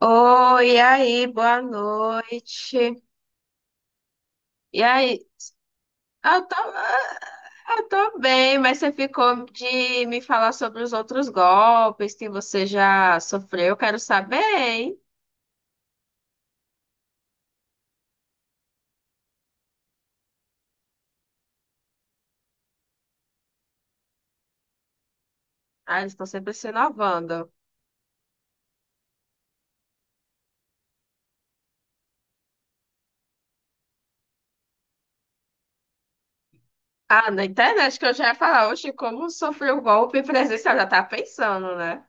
Oi, e aí, boa noite. E aí, eu tô, eu tô bem, mas você ficou de me falar sobre os outros golpes que você já sofreu. Eu quero saber, hein? Ah, eles estão sempre se inovando. Ah, na internet que eu já ia falar, hoje como sofreu o golpe presencial, já tá pensando, né?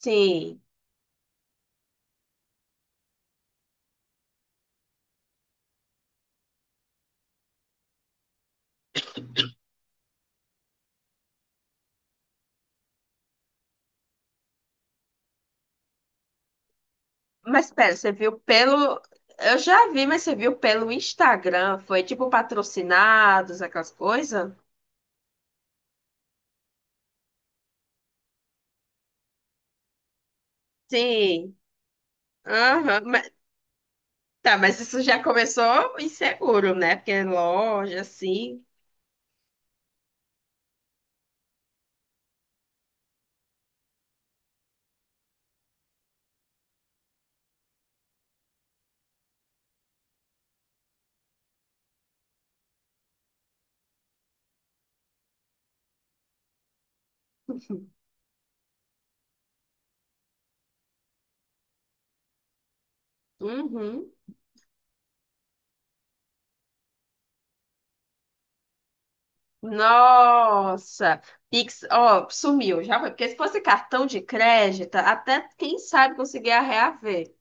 Sim. Mas pera, você viu pelo. Eu já vi, mas você viu pelo Instagram? Foi tipo patrocinados, aquelas coisas? Sim. Aham. Tá, mas isso já começou inseguro, né? Porque é loja, assim. Uhum. Nossa! Pix, ó, sumiu, já foi. Porque se fosse cartão de crédito, até quem sabe conseguia reaver.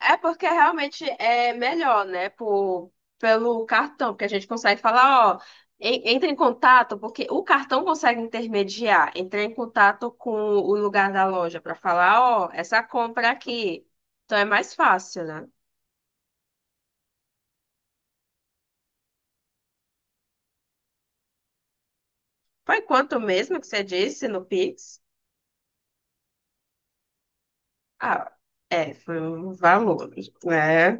É porque realmente é melhor, né? Por, pelo cartão, porque a gente consegue falar, ó, entra em contato, porque o cartão consegue intermediar, entrar em contato com o lugar da loja para falar, ó, essa compra aqui. Então é mais fácil, né? Foi quanto mesmo que você disse no Pix? Ah, é, foi um valor, né?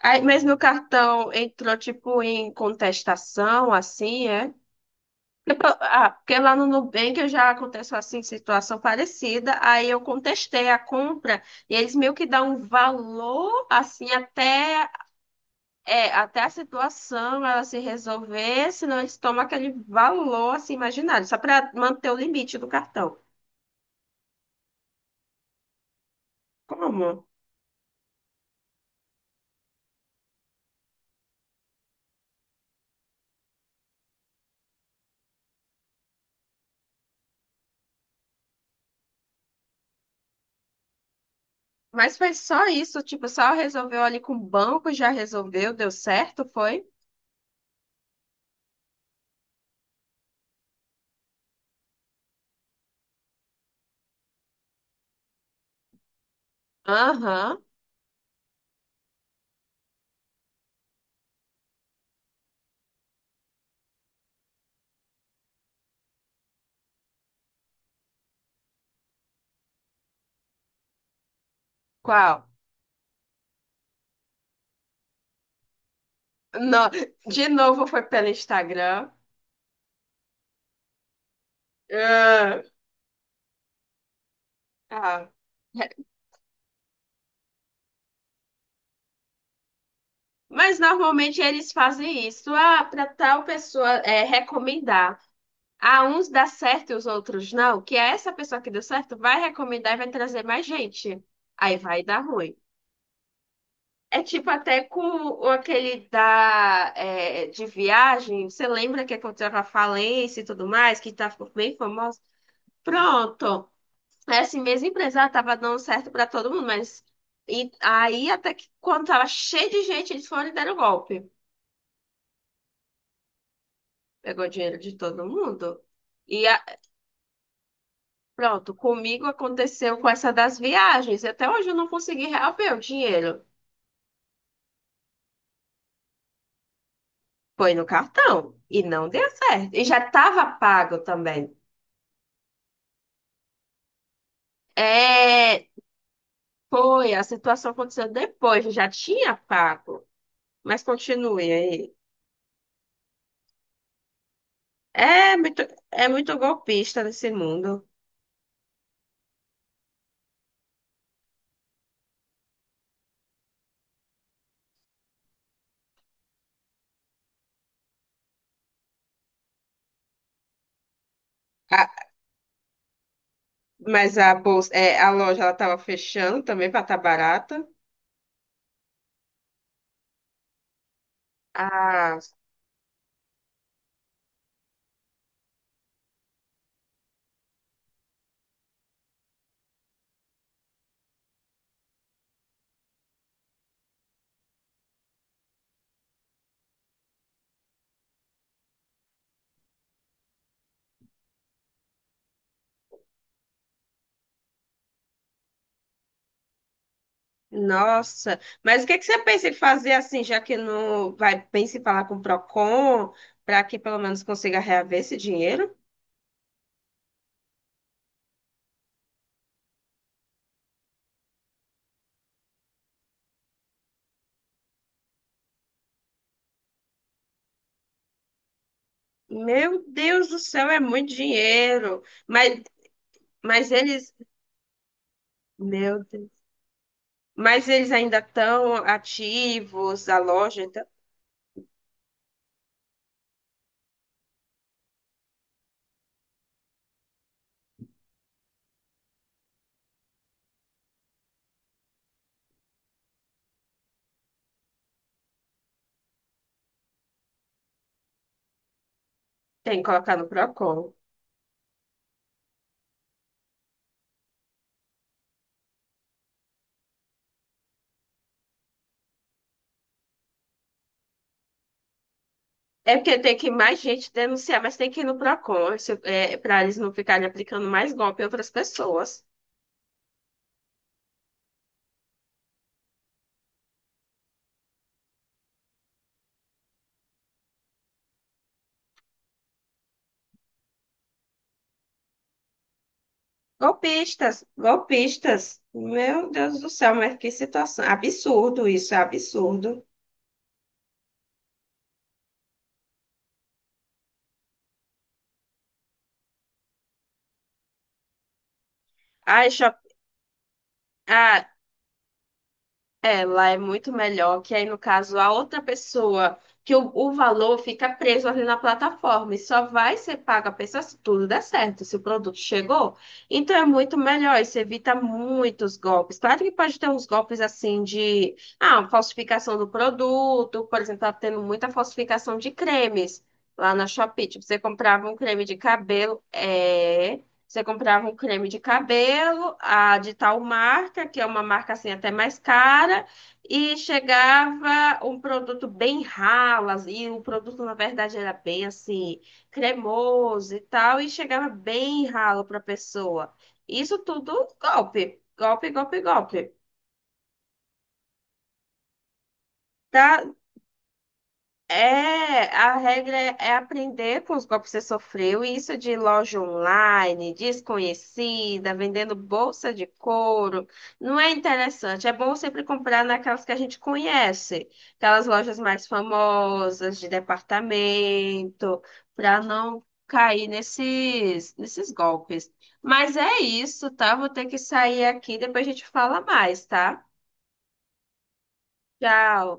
Aí, mas meu cartão entrou, tipo, em contestação, assim, é? Porque ah, porque lá no Nubank eu já aconteceu, assim, situação parecida, aí eu contestei a compra e eles meio que dão um valor, assim, até, é, até a situação ela se resolver, senão eles tomam aquele valor, assim, imaginário, só para manter o limite do cartão. Como? Mas foi só isso, tipo, só resolveu ali com o banco, já resolveu, deu certo, foi? Aham. Qual? No... De novo foi pelo Instagram. Ah, ah. Mas normalmente eles fazem isso, ah, para tal pessoa é, recomendar. Ah, uns dá certo e os outros não, que é essa pessoa que deu certo vai recomendar e vai trazer mais gente. Aí vai dar ruim. É tipo até com aquele da, é, de viagem, você lembra que aconteceu com a falência e tudo mais, que tá, ficou bem famosa? Pronto, essa mesma empresa ela tava dando certo para todo mundo, mas e, aí até que quando tava cheio de gente, eles foram e deram golpe. Pegou dinheiro de todo mundo. E pronto, comigo aconteceu com essa das viagens. Até hoje eu não consegui reaver o dinheiro. Foi no cartão e não deu certo. E já estava pago também. É, foi, a situação aconteceu depois, eu já tinha pago. Mas continue aí. É muito, é muito golpista nesse mundo. Ah, mas a bolsa, é, a loja ela estava fechando também para estar barata. Ah, nossa. Mas o que que você pensa em fazer assim, já que não vai, pensa em falar com o Procon, para que pelo menos consiga reaver esse dinheiro? Meu Deus do céu, é muito dinheiro. Mas eles, meu Deus. Mas eles ainda estão ativos, a loja, então tem que colocar no Procon. É porque tem que mais gente denunciar, mas tem que ir no Procon, para eles não ficarem aplicando mais golpe a outras pessoas. Golpistas, golpistas. Meu Deus do céu, mas que situação. Absurdo isso, é absurdo. Ai, Shop... Ela é muito melhor que aí, no caso, a outra pessoa, que o valor fica preso ali na plataforma e só vai ser pago a pessoa se tudo der certo, se o produto chegou. Então é muito melhor, isso evita muitos golpes. Claro que pode ter uns golpes assim de, ah, falsificação do produto, por exemplo, tá tendo muita falsificação de cremes lá na Shopee. Tipo, você comprava um creme de cabelo, é, você comprava um creme de cabelo, a de tal marca, que é uma marca assim até mais cara, e chegava um produto bem ralo, e o produto na verdade era bem assim, cremoso e tal, e chegava bem ralo para a pessoa. Isso tudo golpe, golpe, golpe, golpe. Tá? É, a regra é aprender com os golpes que você sofreu, e isso de loja online, desconhecida, vendendo bolsa de couro, não é interessante. É bom sempre comprar naquelas que a gente conhece, aquelas lojas mais famosas de departamento, para não cair nesses golpes. Mas é isso, tá? Vou ter que sair aqui, depois a gente fala mais, tá? Tchau.